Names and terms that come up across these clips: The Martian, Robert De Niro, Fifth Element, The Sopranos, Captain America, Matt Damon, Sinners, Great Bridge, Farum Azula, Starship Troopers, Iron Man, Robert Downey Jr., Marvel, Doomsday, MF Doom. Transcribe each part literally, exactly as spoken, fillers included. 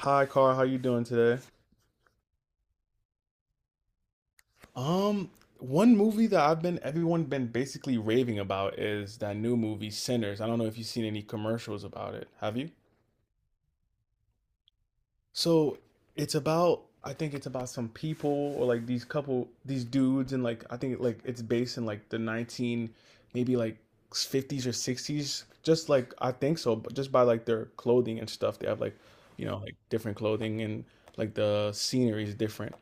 Hi, Carl. How you doing today? Um, One movie that I've been everyone been basically raving about is that new movie Sinners. I don't know if you've seen any commercials about it. Have you? So it's about, I think it's about some people, or like these couple, these dudes, and like I think like it's based in like the nineteen, maybe like fifties or sixties. Just like I think so, but just by like their clothing and stuff, they have like, you know, like different clothing, and like the scenery is different.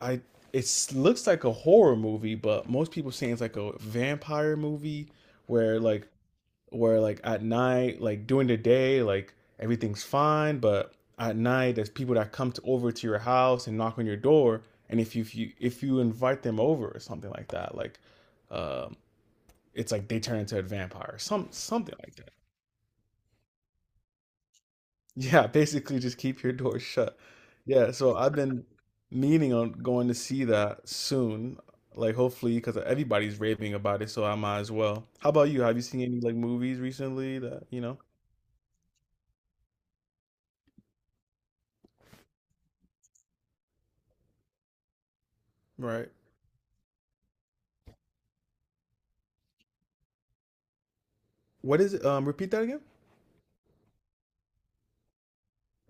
I It looks like a horror movie, but most people saying it's like a vampire movie where like, where like at night, like during the day, like everything's fine, but at night there's people that come to, over to your house and knock on your door, and if you if you, if you invite them over or something like that, like, um, it's like they turn into a vampire, some something like. Yeah, basically just keep your door shut. Yeah, so I've been meaning on going to see that soon. Like hopefully, because everybody's raving about it, so I might as well. How about you? Have you seen any like movies recently that, you know? Right. What is it? Um, repeat that again?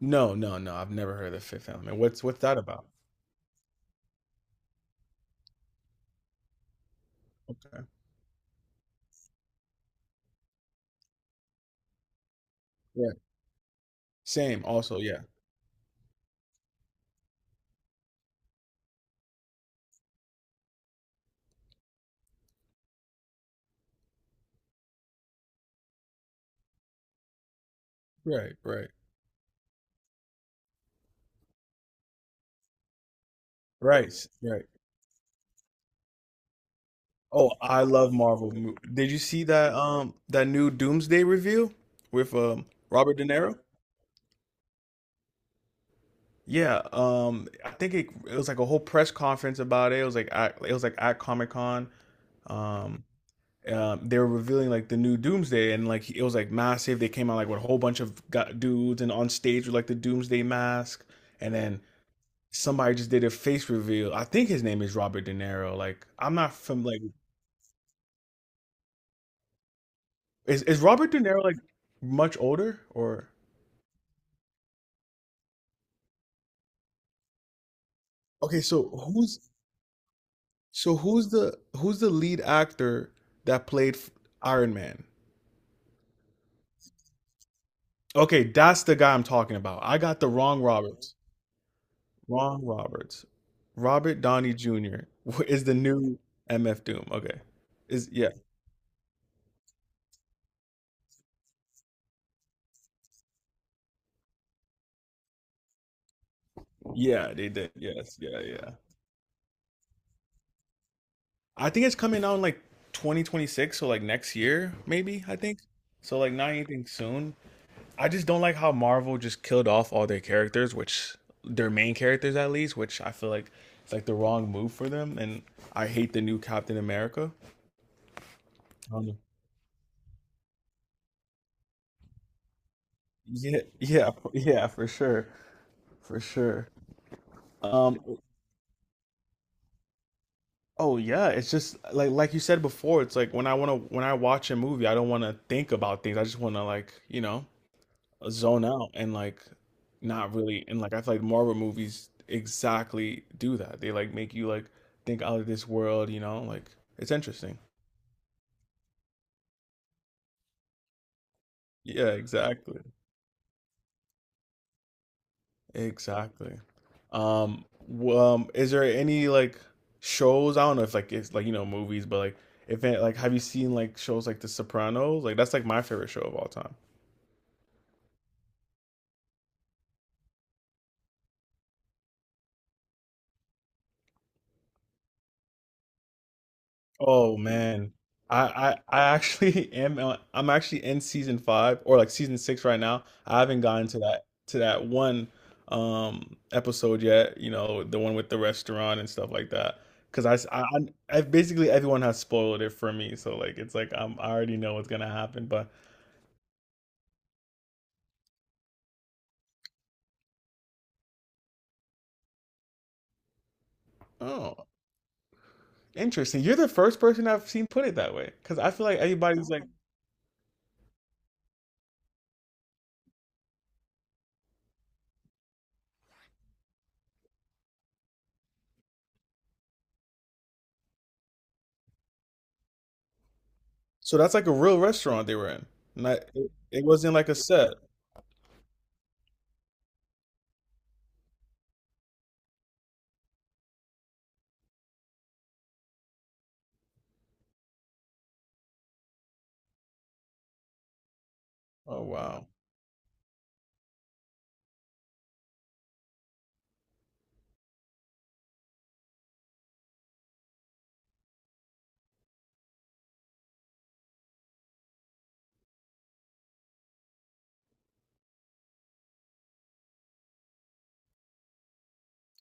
No, no, no. I've never heard of Fifth Element. What's what's that about? Okay. Yeah. Same, also, yeah. Right, right. Right, s- right. Oh, I love Marvel. mo- Did you see that um that new Doomsday review with um Robert De Niro? Yeah, um, I think it, it was like a whole press conference about it. It was like at, it was like at Comic Con. Um, um, they were revealing like the new Doomsday, and like it was like massive. They came out like with a whole bunch of gu dudes, and on stage with like the Doomsday mask, and then somebody just did a face reveal. I think his name is Robert De Niro. Like I'm not from like, is is Robert De Niro like much older or, okay? So who's so who's the who's the lead actor that played Iron Man? Okay, that's the guy I'm talking about. I got the wrong Roberts. Wrong Roberts. Robert Downey junior is the new M F Doom. Okay. Is, yeah. Yeah, they did. Yes. Yeah, yeah. I think it's coming out in like twenty twenty-six, so like next year, maybe, I think. So like not anything soon. I just don't like how Marvel just killed off all their characters, which their main characters at least, which I feel like it's like the wrong move for them. And I hate the new Captain America. Yeah, yeah, f- yeah, for sure, for sure. Um, oh yeah, it's just like like you said before, it's like when I wanna when I watch a movie, I don't wanna think about things. I just wanna like, you know, zone out and like not really and like I feel like Marvel movies exactly do that. They like make you like think out of this world, you know, like it's interesting. Yeah, exactly. Exactly. Um, w- um, is there any like shows? I don't know if like it's like you know movies, but like if it, like have you seen like shows like The Sopranos? Like that's like my favorite show of all time. Oh man, I I, I actually am uh, I'm actually in season five or like season six right now. I haven't gotten to that to that one um episode yet. You know, the one with the restaurant and stuff like that. Because I, s- I, I- I- basically everyone has spoiled it for me, so like it's like I'm, I already know what's gonna happen. But oh, interesting. You're the first person I've seen put it that way. Because I feel like everybody's like, so that's like a real restaurant they were in. Not it, it wasn't like a set. Oh wow.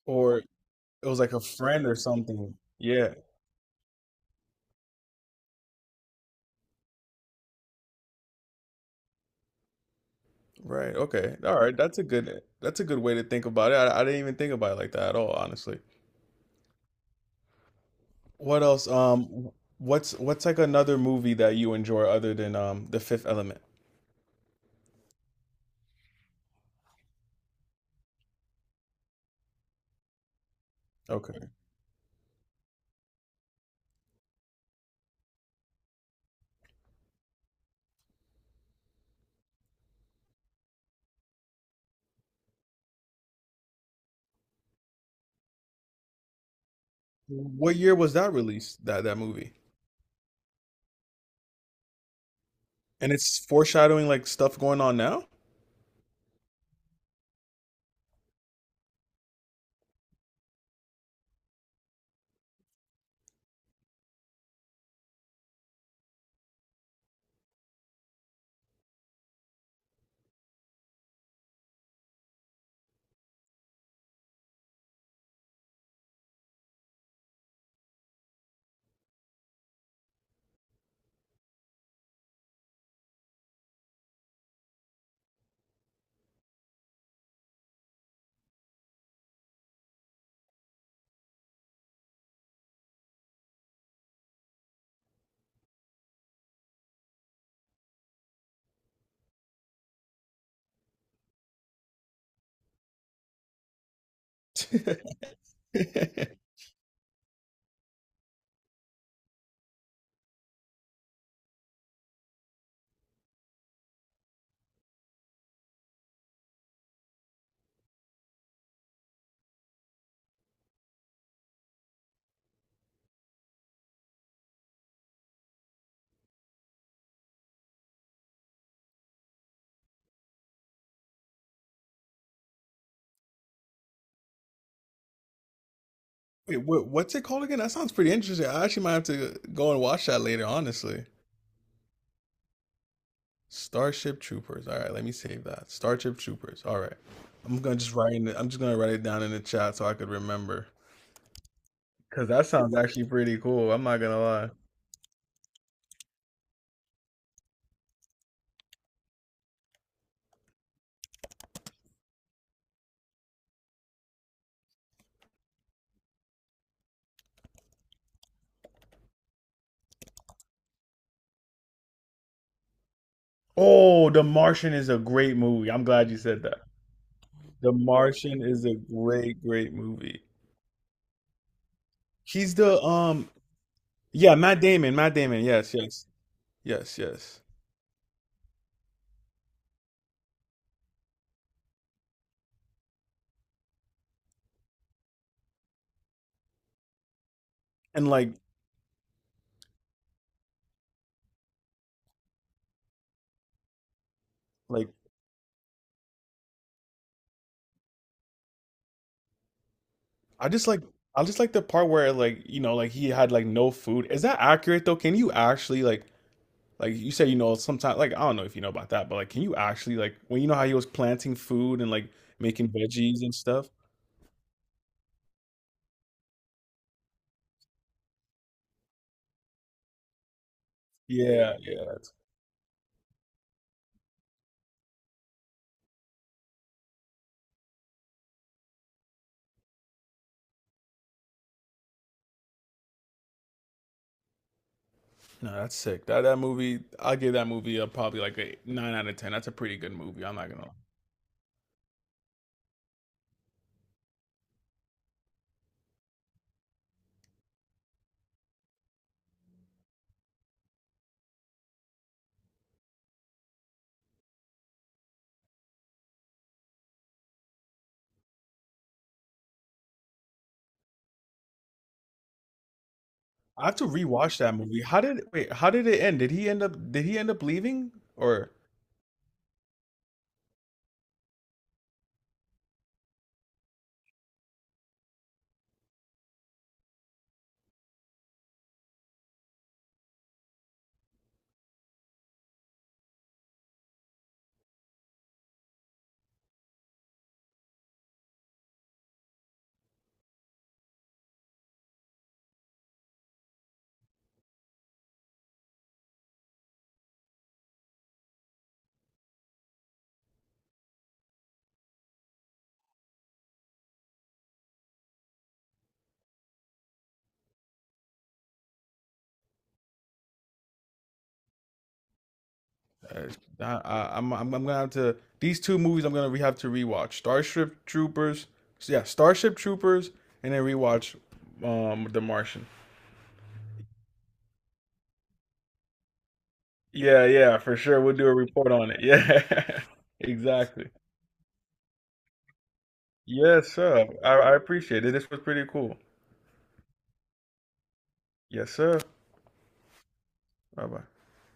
Or, it was like a friend or something. Yeah. Right. Okay. All right. That's a good that's a good way to think about it. I, I didn't even think about it like that at all, honestly. What else? Um, what's what's like another movie that you enjoy other than um The Fifth Element? Okay. What year was that released, that that movie? And it's foreshadowing like stuff going on now? Wait, what, what's it called again? That sounds pretty interesting. I actually might have to go and watch that later, honestly. Starship Troopers. All right, let me save that. Starship Troopers. All right. I'm gonna just write in it. I'm just gonna write it down in the chat so I could remember. Cause that sounds actually pretty cool. I'm not gonna lie. Oh, The Martian is a great movie. I'm glad you said that. The Martian is a great, great movie. He's the um Yeah, Matt Damon. Matt Damon. Yes, yes, yes, yes. And like, like I just like I just like the part where, like, you know, like he had like no food. Is that accurate though? Can you actually like like you said, you know, sometimes like I don't know if you know about that, but like, can you actually like, when you know how he was planting food and like making veggies and stuff? Yeah, yeah. No, that's sick. That that movie, I'll give that movie a probably like a nine out of ten. That's a pretty good movie. I'm not gonna lie. I have to rewatch that movie. How did wait? How did it end? Did he end up? Did he end up leaving? Or uh, I, I, I'm I'm I'm gonna have to these two movies. I'm gonna re- have to rewatch Starship Troopers. Yeah, Starship Troopers, and then rewatch um The Martian. Yeah, yeah, for sure. We'll do a report on it. Yeah, exactly. Yes, sir. I, I appreciate it. This was pretty cool. Yes, sir. Bye bye.